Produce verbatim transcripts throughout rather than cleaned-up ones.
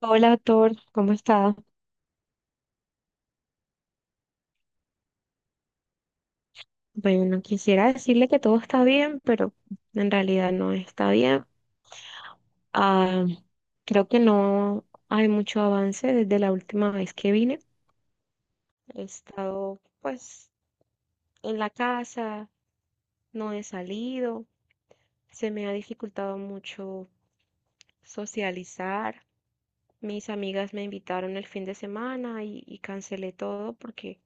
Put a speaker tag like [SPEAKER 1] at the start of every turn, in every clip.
[SPEAKER 1] Hola, Thor, ¿cómo está? Bueno, quisiera decirle que todo está bien, pero en realidad no está bien. Ah, creo que no hay mucho avance desde la última vez que vine. He estado, pues, en la casa, no he salido, se me ha dificultado mucho socializar. Mis amigas me invitaron el fin de semana y, y cancelé todo porque,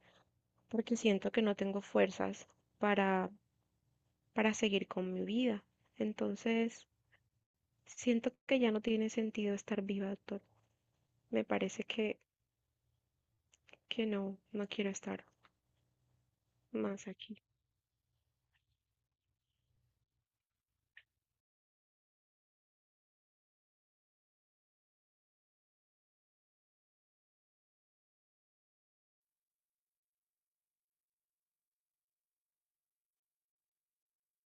[SPEAKER 1] porque siento que no tengo fuerzas para, para seguir con mi vida. Entonces, siento que ya no tiene sentido estar viva, doctor. Me parece que, que no, no quiero estar más aquí.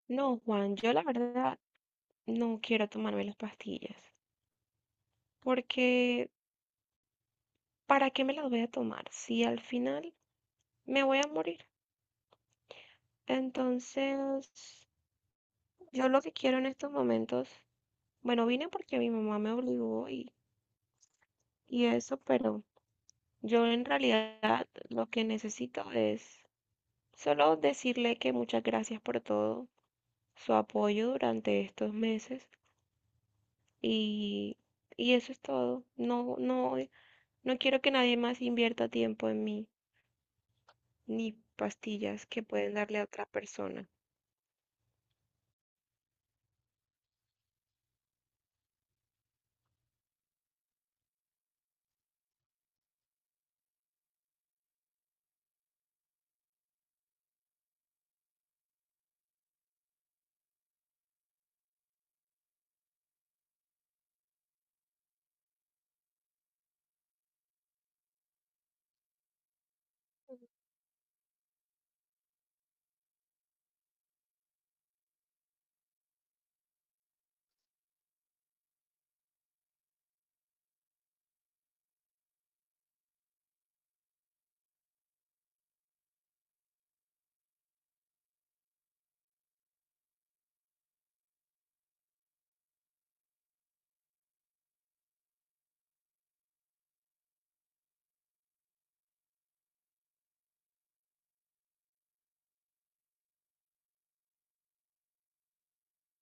[SPEAKER 1] No, Juan, yo la verdad no quiero tomarme las pastillas, porque ¿para qué me las voy a tomar si al final me voy a morir? Entonces, yo lo que quiero en estos momentos, bueno, vine porque mi mamá me obligó y, y eso, pero yo en realidad lo que necesito es solo decirle que muchas gracias por todo su apoyo durante estos meses y, y eso es todo. No, no, no quiero que nadie más invierta tiempo en mí, ni pastillas que pueden darle a otra persona.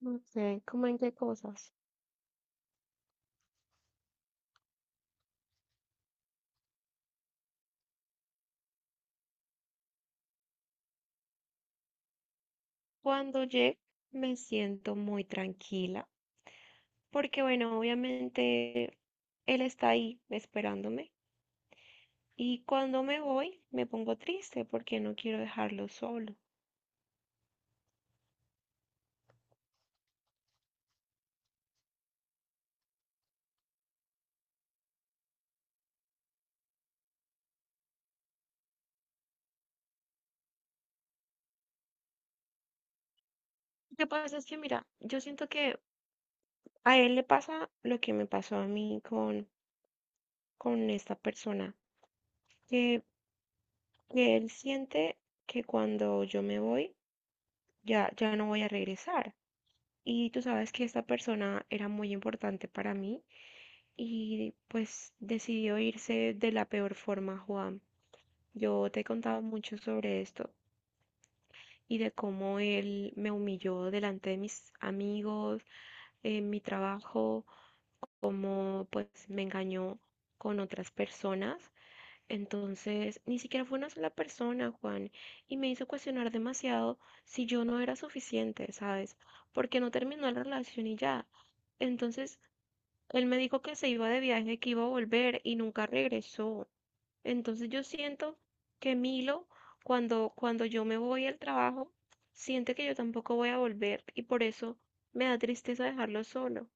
[SPEAKER 1] No sé, ¿cómo en qué cosas? Cuando llego me siento muy tranquila, porque bueno, obviamente él está ahí esperándome. Y cuando me voy, me pongo triste porque no quiero dejarlo solo. Lo que pasa es que, mira, yo siento que a él le pasa lo que me pasó a mí con, con esta persona, que, que él siente que cuando yo me voy, ya, ya no voy a regresar. Y tú sabes que esta persona era muy importante para mí y pues decidió irse de la peor forma, Juan. Yo te he contado mucho sobre esto y de cómo él me humilló delante de mis amigos, en mi trabajo, cómo pues me engañó con otras personas. Entonces, ni siquiera fue una sola persona, Juan, y me hizo cuestionar demasiado si yo no era suficiente, ¿sabes? Porque no terminó la relación y ya. Entonces, él me dijo que se iba de viaje, que iba a volver y nunca regresó. Entonces, yo siento que Milo, cuando, cuando yo me voy al trabajo, siente que yo tampoco voy a volver y por eso me da tristeza dejarlo solo.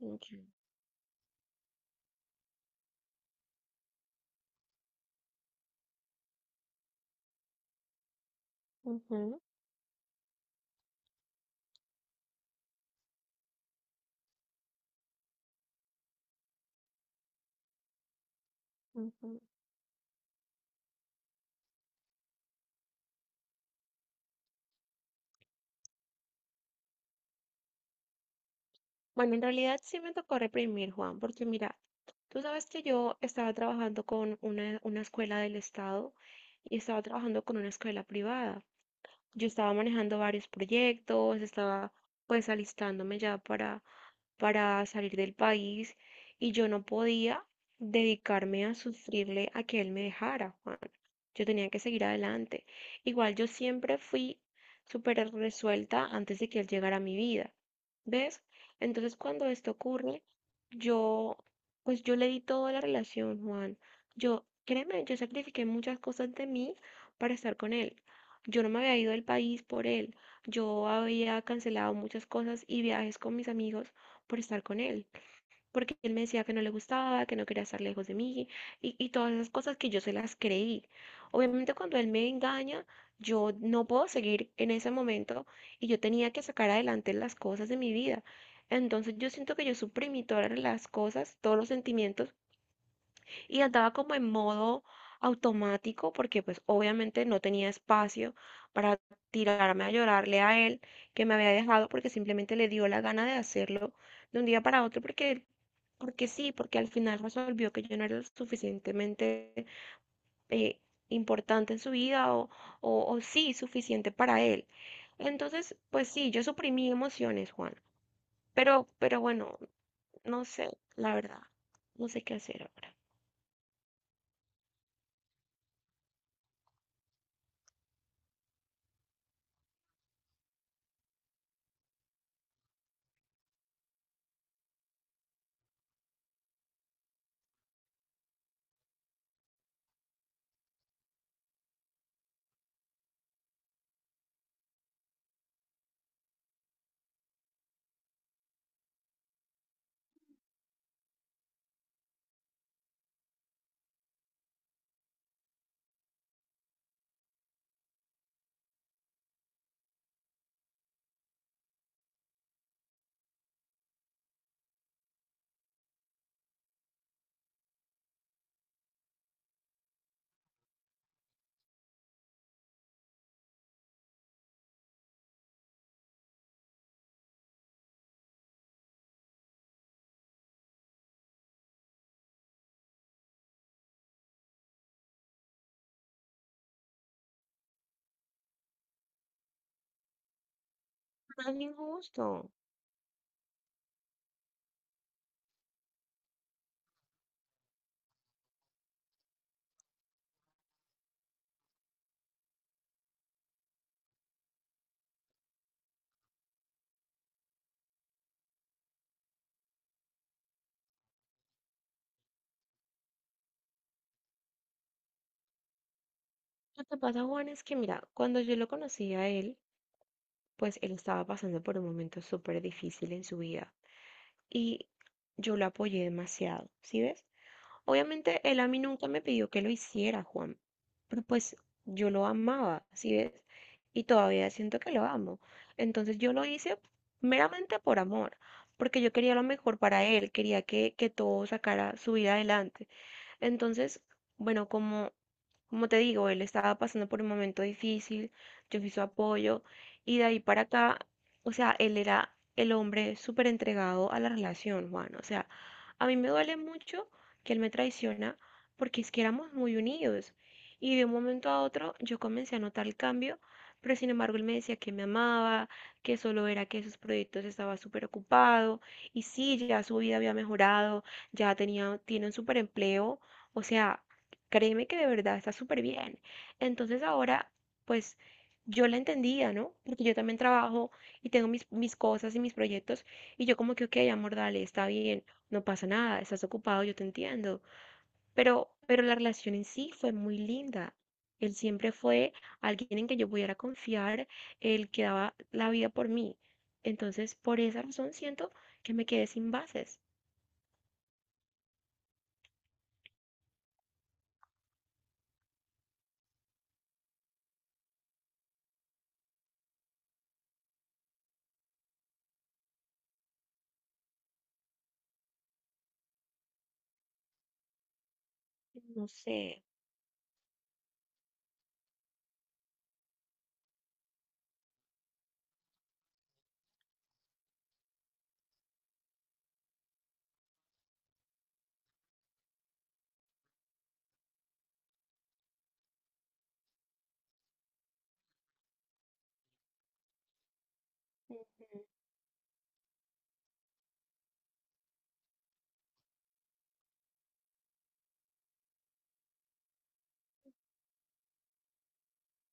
[SPEAKER 1] Ok. Ujú, ujú. Bueno, en realidad sí me tocó reprimir, Juan, porque mira, tú sabes que yo estaba trabajando con una, una escuela del Estado y estaba trabajando con una escuela privada. Yo estaba manejando varios proyectos, estaba pues alistándome ya para para salir del país y yo no podía dedicarme a sufrirle a que él me dejara, Juan. Yo tenía que seguir adelante. Igual yo siempre fui súper resuelta antes de que él llegara a mi vida, ¿ves? Entonces cuando esto ocurre, yo, pues yo le di toda la relación, Juan. Yo, créeme, yo sacrifiqué muchas cosas de mí para estar con él. Yo no me había ido del país por él. Yo había cancelado muchas cosas y viajes con mis amigos por estar con él, porque él me decía que no le gustaba, que no quería estar lejos de mí y, y todas esas cosas que yo se las creí. Obviamente cuando él me engaña, yo no puedo seguir en ese momento y yo tenía que sacar adelante las cosas de mi vida. Entonces yo siento que yo suprimí todas las cosas, todos los sentimientos y andaba como en modo automático porque pues obviamente no tenía espacio para tirarme a llorarle a él que me había dejado porque simplemente le dio la gana de hacerlo de un día para otro porque porque sí, porque al final resolvió que yo no era lo suficientemente eh, importante en su vida o, o, o sí, suficiente para él. Entonces, pues sí, yo suprimí emociones, Juan. Pero, pero bueno, no sé, la verdad, no sé qué hacer ahora. No es injusto. Lo que pasa, Juan, es que mira, cuando yo lo conocí a él, pues él estaba pasando por un momento súper difícil en su vida y yo lo apoyé demasiado, ¿sí ves? Obviamente él a mí nunca me pidió que lo hiciera, Juan, pero pues yo lo amaba, ¿sí ves? Y todavía siento que lo amo. Entonces yo lo hice meramente por amor, porque yo quería lo mejor para él, quería que, que todo sacara su vida adelante. Entonces, bueno, como como te digo, él estaba pasando por un momento difícil, yo fui su apoyo y de ahí para acá, o sea, él era el hombre súper entregado a la relación, Juan. O sea, a mí me duele mucho que él me traiciona porque es que éramos muy unidos y de un momento a otro yo comencé a notar el cambio, pero sin embargo él me decía que me amaba, que solo era que sus proyectos estaba súper ocupado y sí, ya su vida había mejorado, ya tenía, tiene un súper empleo, o sea... Créeme que de verdad está súper bien. Entonces ahora, pues yo la entendía, ¿no? Porque yo también trabajo y tengo mis, mis cosas y mis proyectos y yo como que, ok, amor, dale, está bien, no pasa nada, estás ocupado, yo te entiendo. Pero, pero la relación en sí fue muy linda. Él siempre fue alguien en que yo pudiera confiar, el que daba la vida por mí. Entonces, por esa razón siento que me quedé sin bases. No sé.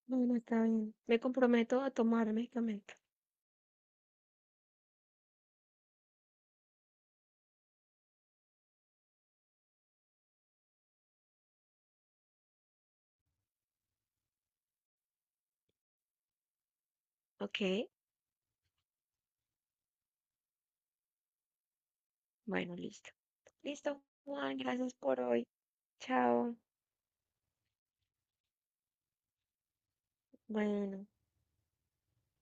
[SPEAKER 1] Bueno, está bien. Me comprometo a tomar medicamentos. Ok, bueno, listo. Listo, Juan, gracias por hoy. Chao. Bueno.